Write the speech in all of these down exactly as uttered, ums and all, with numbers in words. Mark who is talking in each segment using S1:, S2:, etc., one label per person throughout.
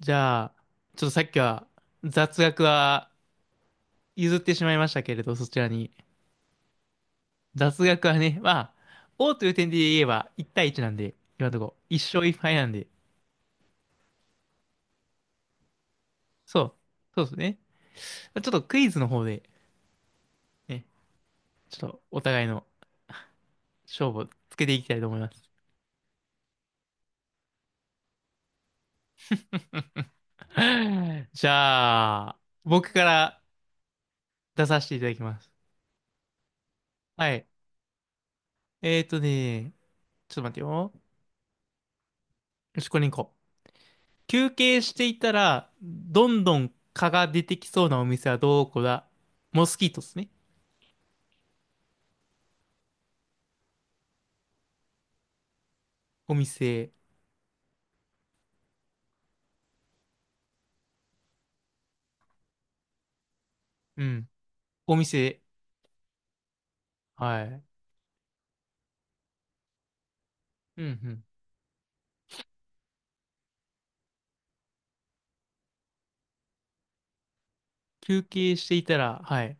S1: じゃあ、ちょっとさっきは雑学は譲ってしまいましたけれど、そちらに。雑学はね、まあ、王という点で言えばいち対いちなんで、今のところいち勝いち敗なんで、そう、そうですね。ちょっとクイズの方で、ね、ちょっとお互いの勝負をつけていきたいと思います。じゃあ、僕から出させていただきます。はい。えーとね、ちょっと待ってよ。よし、これに行こ休憩していたら、どんどん蚊が出てきそうなお店はどこだモスキートですね。お店。うん。お店。はい。うんうん。休憩していたら、はい。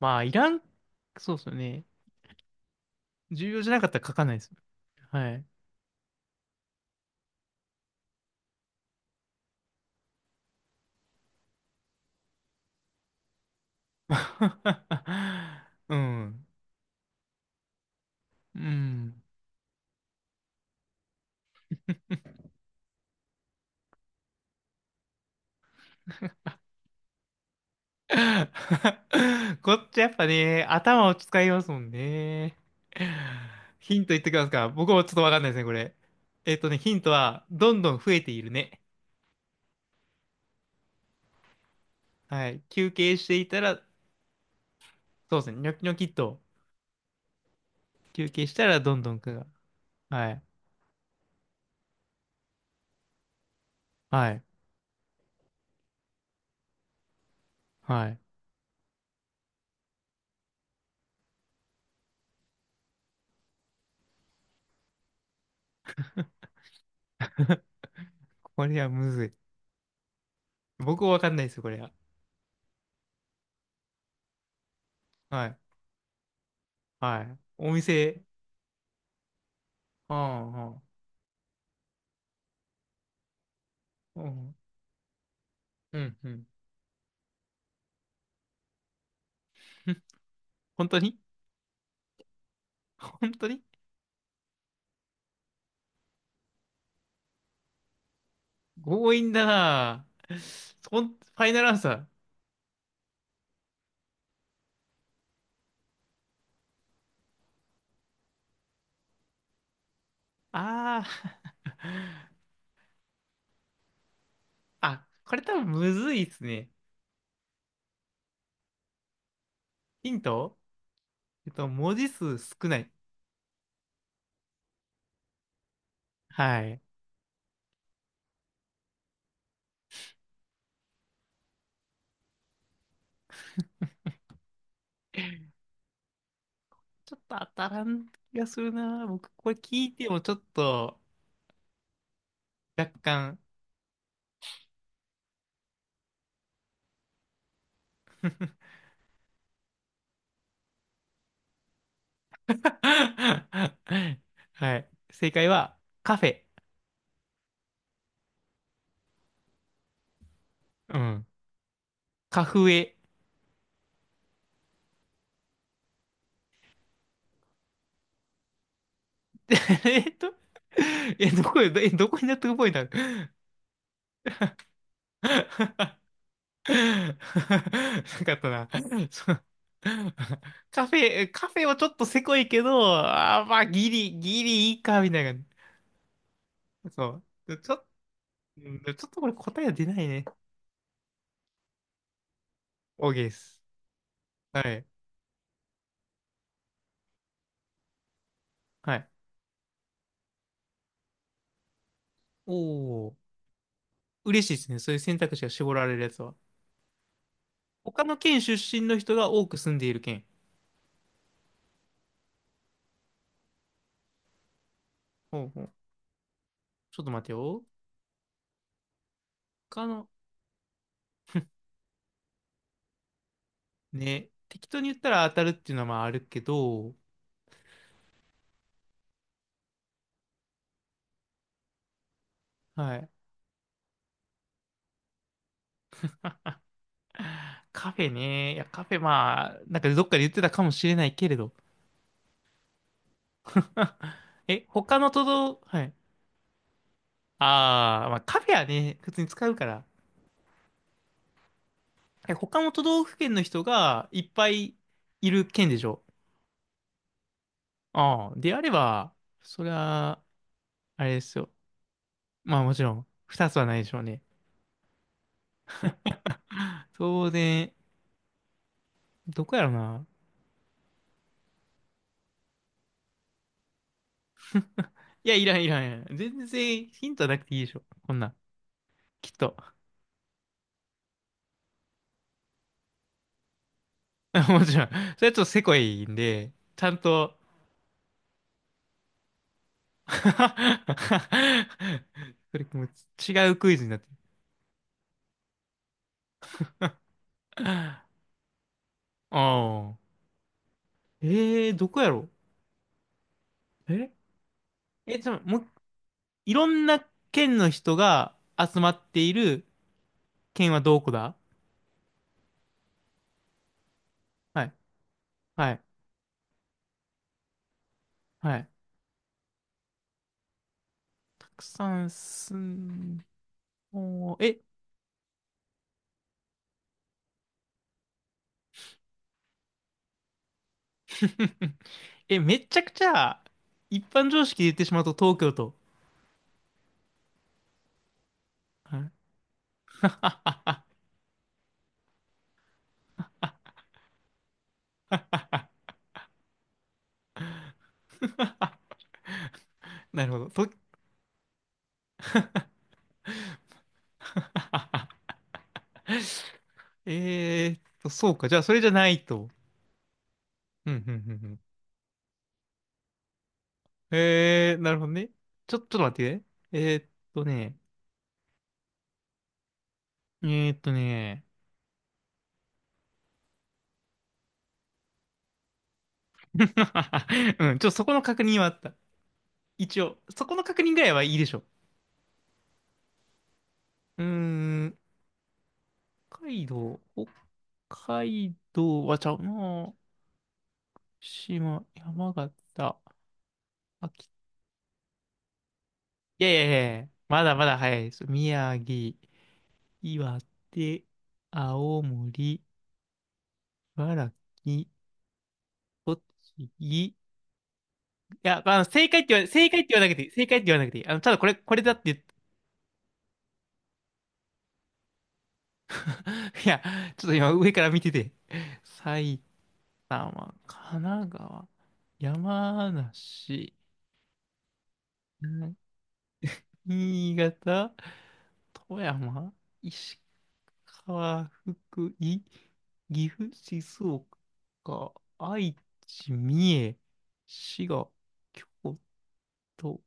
S1: まあ、いらん、そうですよね。重要じゃなかったら書かないです。はい。うん。うん。こっちやっぱね、頭を使いますもんね。ヒント言ってきますか僕もちょっとわかんないですね、これ。えっとね、ヒントは、どんどん増えているね。はい。休憩していたら、そうですね、ニョキニョキっと、休憩したらどんどんくが。はい。はい。はい。これはむずい。僕もわかんないですよ、これは。はい。はい。お店、うんうんうんうん、うん。本当に本当に強引だなぁ。ほん、ファイナルアンサー。ああ あ、これ多分むずいっすね。ヒントえっと、文字数少ない。はい。ちょっと当たらん気がするな。僕、これ聞いてもちょっと若干 はい。正解は、カフェ。うん。カフエ。えっと、え、どこ、え、どこに納得ポイントなる なかったな。そう。カフェ、カフェはちょっとせこいけど、あーまあ、ギリ、ギリいいか、みたいな。そう。ちょ、うんちょっとこれ答えは出ないね。OK です。はい。はい。おー。嬉しいですね。そういう選択肢が絞られるやつは。他の県出身の人が多く住んでいる県。ほうほう。ちょっと待てよ。他の、ね。適当に言ったら当たるっていうのはまああるけど、はい。カフェね。いや、カフェ、まあ、なんかどっかで言ってたかもしれないけれど。え、他の都道、はい。ああ、まあカフェはね、普通に使うから。え、他の都道府県の人がいっぱいいる県でしょああ、であれば、それはあれですよ。まあもちろん、二つはないでしょうね。当然、どこやろな。いや、いらん、いらん、いらん。全然ヒントなくていいでしょ。こんなん。きっと。もちろん。それはちょっとせこいんで、ちゃんと、それもう違うクイズになってる。ああ。ええーどこやろええ、じゃあ、もう、いろんな県の人が集まっている県はどこだはい。はい。はい。たくさん住ん、おーえ、え、めっちゃくちゃ、一般常識で言ってしまうと東京都。はい なるほど。と えーっと、そうか。じゃあ、それじゃないと。うん、うん、うん。うんえー、なるほどね。ちょ、ちょっと待ってね。えーっとね、えーっとね、うん、ちょ、そこの確認はあった。一応、そこの確認ぐらいはいいでしょ。うーん、北海道、北海道はちゃうな。島、山形、秋、いやいやいやいや、まだまだ早いです。宮城、岩手、青森、茨城、栃木、いや、あの、正解って言わ、正解って言わなくていい。正解って言わなくていい。あの、ただこれ、これだって言っ いや、ちょっと今上から見てて。埼玉、神奈川、山梨、うん新潟、富山、石川、福井、岐阜、静岡、愛知、三重、滋賀、京都、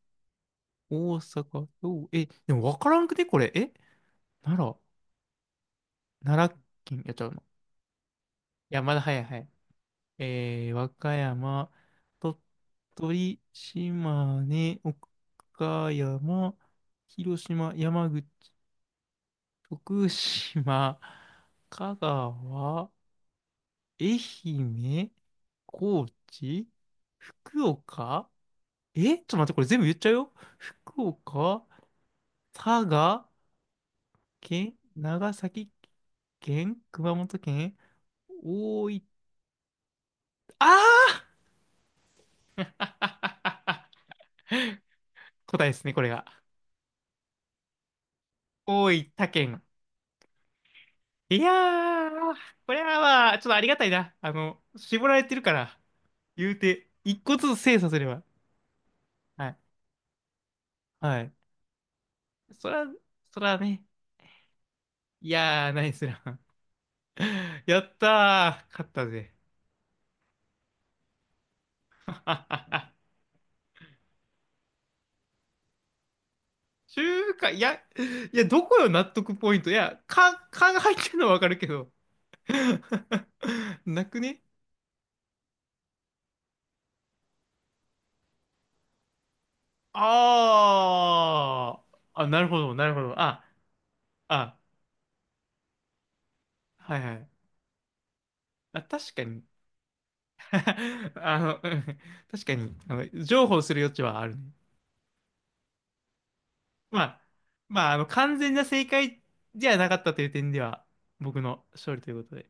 S1: 大阪、兵庫え、でも分からんくね、これ。え、奈良、奈良県やっちゃうの。いや、まだ早い早い。えー、和歌山、鳥取、島根、岡山、広島、山口、徳島、香川、愛媛、高知、福岡えちょっと待って、これ全部言っちゃうよ。福岡、佐賀県、長崎県、熊本県、大分、ああー 答えですね、これが。大分県。いやー、これはまあ、ちょっとありがたいな。あの、絞られてるから、言うて、一個ずつ精査すれば。はい。はい。そら、そらね。いやー、ナイスラン。やったー、勝ったぜ。中華、いや、いや、どこよ、納得ポイント。いや、か、かが入ってるのはわかるけど。なくねあー。あ、なるほど、なるほど。あ、あ、はいはい。あ、確かに。あの、うん確かに、あの、譲歩する余地はあるね。まあ、まあ、あの、完全な正解じゃなかったという点では、僕の勝利ということで。